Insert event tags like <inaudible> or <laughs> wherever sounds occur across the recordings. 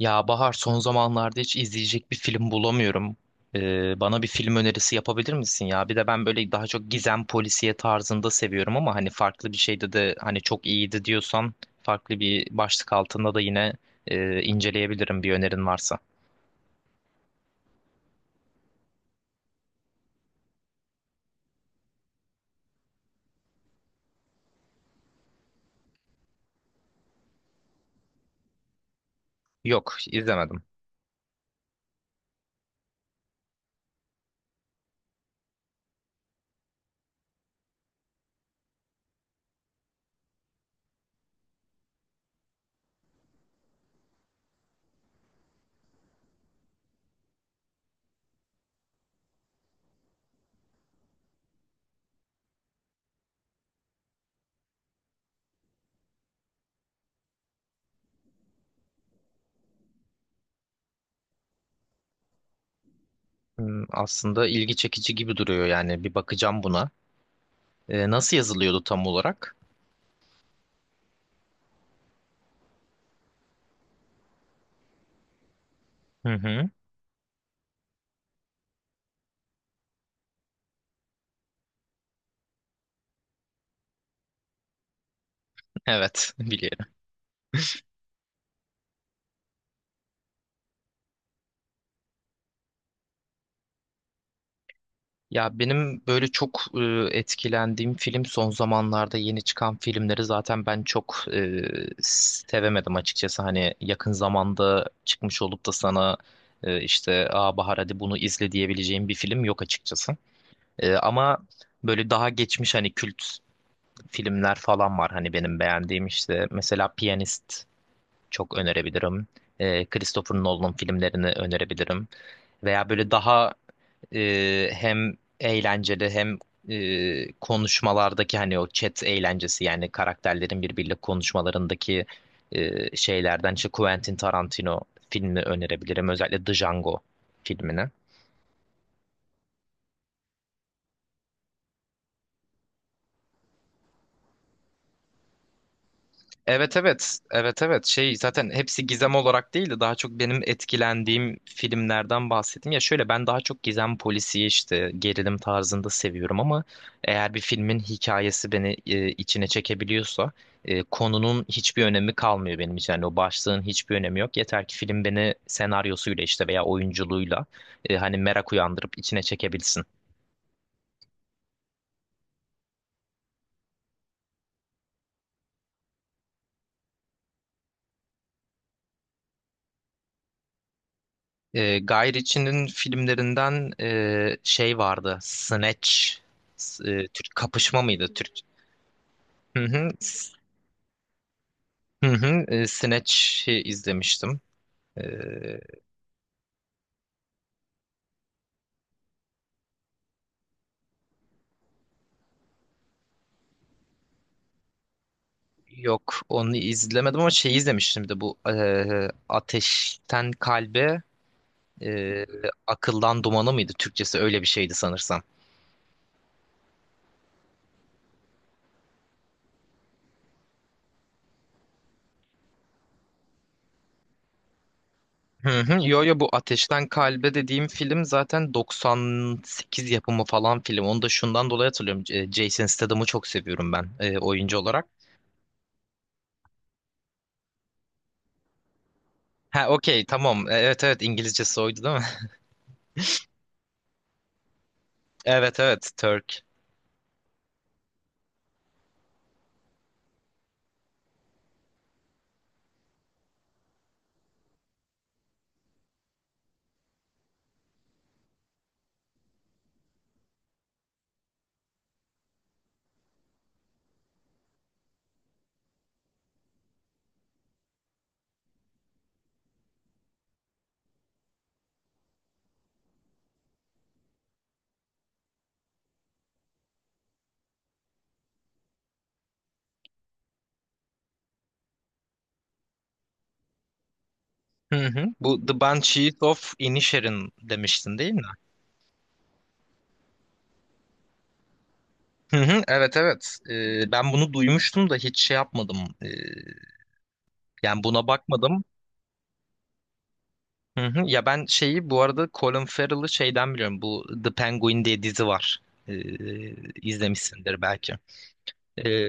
Ya Bahar son zamanlarda hiç izleyecek bir film bulamıyorum. Bana bir film önerisi yapabilir misin ya? Bir de ben böyle daha çok gizem polisiye tarzında seviyorum ama hani farklı bir şeyde de hani çok iyiydi diyorsan farklı bir başlık altında da yine inceleyebilirim bir önerin varsa. Yok, izlemedim. Hmm, aslında ilgi çekici gibi duruyor yani bir bakacağım buna. Nasıl yazılıyordu tam olarak? Hı hı. Evet, <laughs> biliyorum. Ya benim böyle çok etkilendiğim film son zamanlarda yeni çıkan filmleri zaten ben çok sevemedim açıkçası. Hani yakın zamanda çıkmış olup da sana işte Aa Bahar hadi bunu izle diyebileceğim bir film yok açıkçası. Ama böyle daha geçmiş hani kült filmler falan var hani benim beğendiğim işte. Mesela Piyanist çok önerebilirim. Christopher Nolan'ın filmlerini önerebilirim. Veya böyle daha hem eğlenceli hem konuşmalardaki hani o chat eğlencesi yani karakterlerin birbiriyle konuşmalarındaki şeylerden işte Quentin Tarantino filmini önerebilirim. Özellikle The Django filmini. Evet, evet. Evet, evet. Şey zaten hepsi gizem olarak değil de daha çok benim etkilendiğim filmlerden bahsettim. Ya şöyle ben daha çok gizem polisiye işte gerilim tarzında seviyorum ama eğer bir filmin hikayesi beni içine çekebiliyorsa konunun hiçbir önemi kalmıyor benim için. Yani o başlığın hiçbir önemi yok. Yeter ki film beni senaryosuyla işte veya oyunculuğuyla hani merak uyandırıp içine çekebilsin. Guy Ritchie'nin filmlerinden şey vardı. Snatch. Türk kapışma mıydı Türk? Hı hı. Hı hı. Snatch'i izlemiştim. E, yok onu izlemedim ama şeyi izlemiştim bir de bu Ateşten Kalbe e, Akıldan Dumanı mıydı? Türkçesi öyle bir şeydi sanırsam. Hı hı. Yo yo bu Ateşten Kalbe dediğim film zaten 98 yapımı falan film. Onu da şundan dolayı hatırlıyorum. Jason Statham'ı çok seviyorum ben oyuncu olarak. Ha okey tamam. Evet, evet İngilizcesi oydu değil mi? <laughs> Evet, evet Turk. Hı hı. Bu The Banshees of Inisherin demiştin değil mi? Hı hı. Evet, evet. Ben bunu duymuştum da hiç şey yapmadım. E, yani buna bakmadım. Hı hı. Ya ben şeyi bu arada Colin Farrell'ı şeyden biliyorum. Bu The Penguin diye dizi var. Ee, izlemişsindir belki. Ee,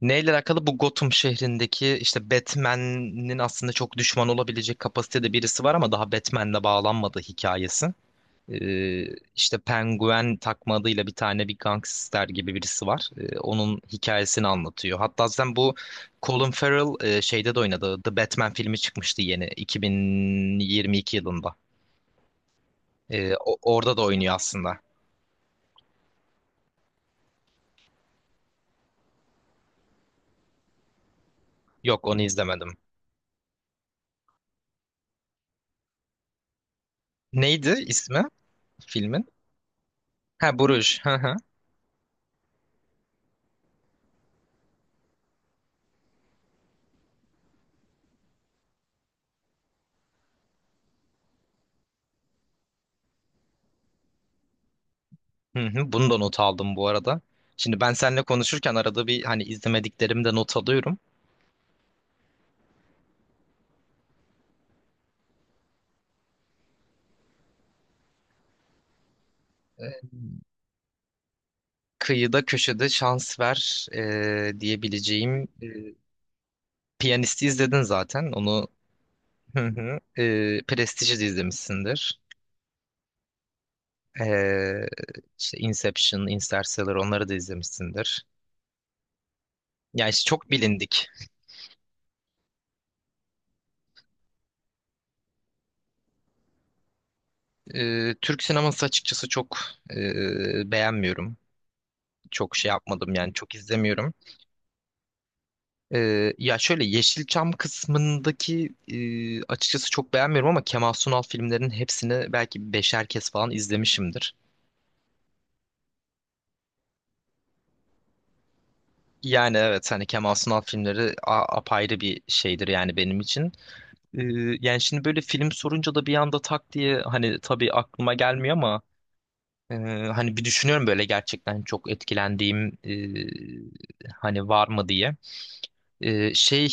neyle alakalı? Bu Gotham şehrindeki işte Batman'in aslında çok düşman olabilecek kapasitede birisi var ama daha Batman'le bağlanmadığı hikayesi. Ee, işte Penguin takma adıyla bir tane bir gangster gibi birisi var. Onun hikayesini anlatıyor. Hatta zaten bu Colin Farrell şeyde de oynadı. The Batman filmi çıkmıştı yeni 2022 yılında. Orada da oynuyor aslında. Yok onu izlemedim. Neydi ismi filmin? Ha Bruges. Hı hı. Hı hı. Bunu da not aldım bu arada. Şimdi ben seninle konuşurken arada bir hani izlemediklerimi de not alıyorum. Ee, Kıyıda köşede şans ver diyebileceğim Piyanist'i izledin zaten. Onu hı hı. Prestige'i de izlemişsindir. E, işte Inception, Interstellar onları da izlemişsindir. Yani işte çok bilindik. Türk sineması açıkçası çok beğenmiyorum. Çok şey yapmadım yani çok izlemiyorum. Ya şöyle Yeşilçam kısmındaki açıkçası çok beğenmiyorum ama Kemal Sunal filmlerinin hepsini belki beşer kez falan izlemişimdir. Yani evet hani Kemal Sunal filmleri apayrı bir şeydir yani benim için. Ee, yani şimdi böyle film sorunca da bir anda tak diye hani tabii aklıma gelmiyor ama e, hani bir düşünüyorum böyle gerçekten çok etkilendiğim hani var mı diye. Şey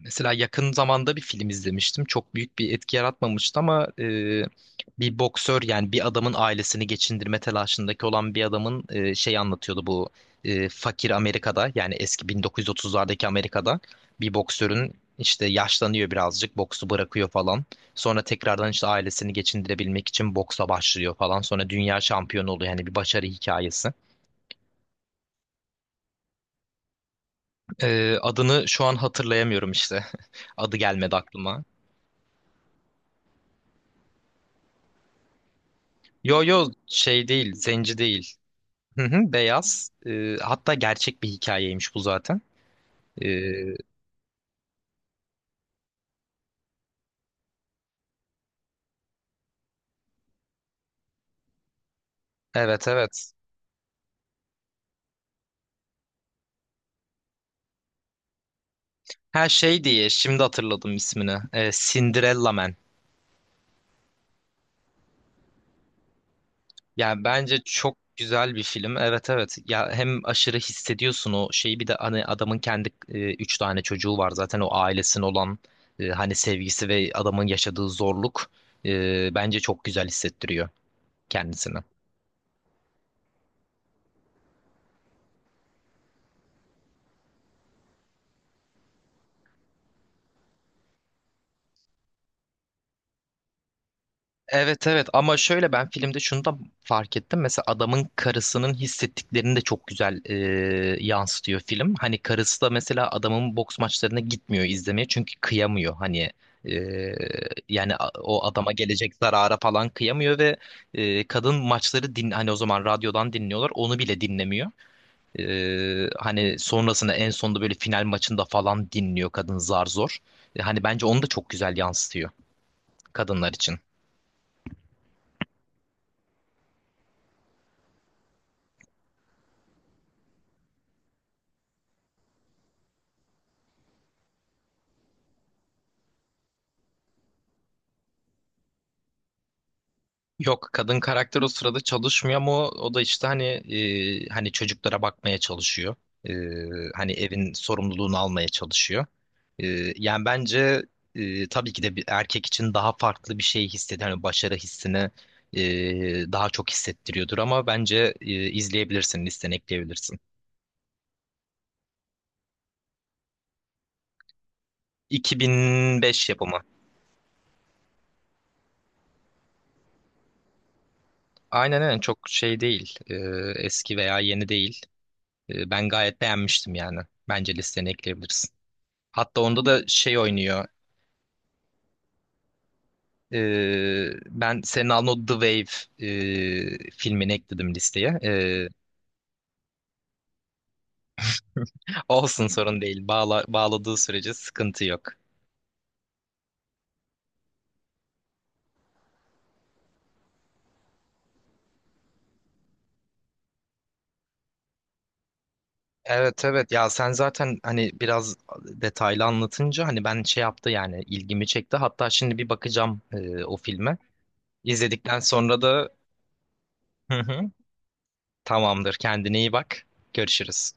mesela yakın zamanda bir film izlemiştim. Çok büyük bir etki yaratmamıştı ama bir boksör yani bir adamın ailesini geçindirme telaşındaki olan bir adamın şey anlatıyordu bu fakir Amerika'da yani eski 1930'lardaki Amerika'da bir boksörün işte yaşlanıyor birazcık boksu bırakıyor falan. Sonra tekrardan işte ailesini geçindirebilmek için boksa başlıyor falan. Sonra dünya şampiyonu oluyor yani bir başarı hikayesi. Adını şu an hatırlayamıyorum işte. <laughs> Adı gelmedi aklıma. Yo yo şey değil, zenci değil. Hı hı, beyaz. Hatta gerçek bir hikayeymiş bu zaten. Ee, evet, evet. Her şey diye şimdi hatırladım ismini. Cinderella Man. Yani bence çok güzel bir film. Evet, evet. Ya hem aşırı hissediyorsun o şeyi bir de hani adamın kendi üç tane çocuğu var zaten o ailesinin olan hani sevgisi ve adamın yaşadığı zorluk bence çok güzel hissettiriyor kendisini. Evet, evet ama şöyle ben filmde şunu da fark ettim. Mesela adamın karısının hissettiklerini de çok güzel yansıtıyor film. Hani karısı da mesela adamın boks maçlarına gitmiyor izlemeye çünkü kıyamıyor. Hani e, yani o adama gelecek zarara falan kıyamıyor ve kadın maçları din hani o zaman radyodan dinliyorlar onu bile dinlemiyor. Hani sonrasında en sonunda böyle final maçında falan dinliyor kadın zar zor. Hani bence onu da çok güzel yansıtıyor kadınlar için. Yok kadın karakter o sırada çalışmıyor ama o da işte hani hani çocuklara bakmaya çalışıyor. E, hani evin sorumluluğunu almaya çalışıyor. E, yani bence tabii ki de bir erkek için daha farklı bir şey hissediyor. Hani başarı hissini daha çok hissettiriyordur ama bence izleyebilirsin, listene ekleyebilirsin. 2005 yapımı. Aynen, aynen çok şey değil. Eski veya yeni değil. Ben gayet beğenmiştim yani. Bence listene ekleyebilirsin. Hatta onda da şey oynuyor. Ben senin aldığın o The Wave filmini ekledim listeye. Olsun sorun değil. Bağladığı sürece sıkıntı yok. Evet, evet ya sen zaten hani biraz detaylı anlatınca hani ben şey yaptı yani ilgimi çekti. Hatta şimdi bir bakacağım o filme. İzledikten sonra da hı hı, tamamdır kendine iyi bak. Görüşürüz.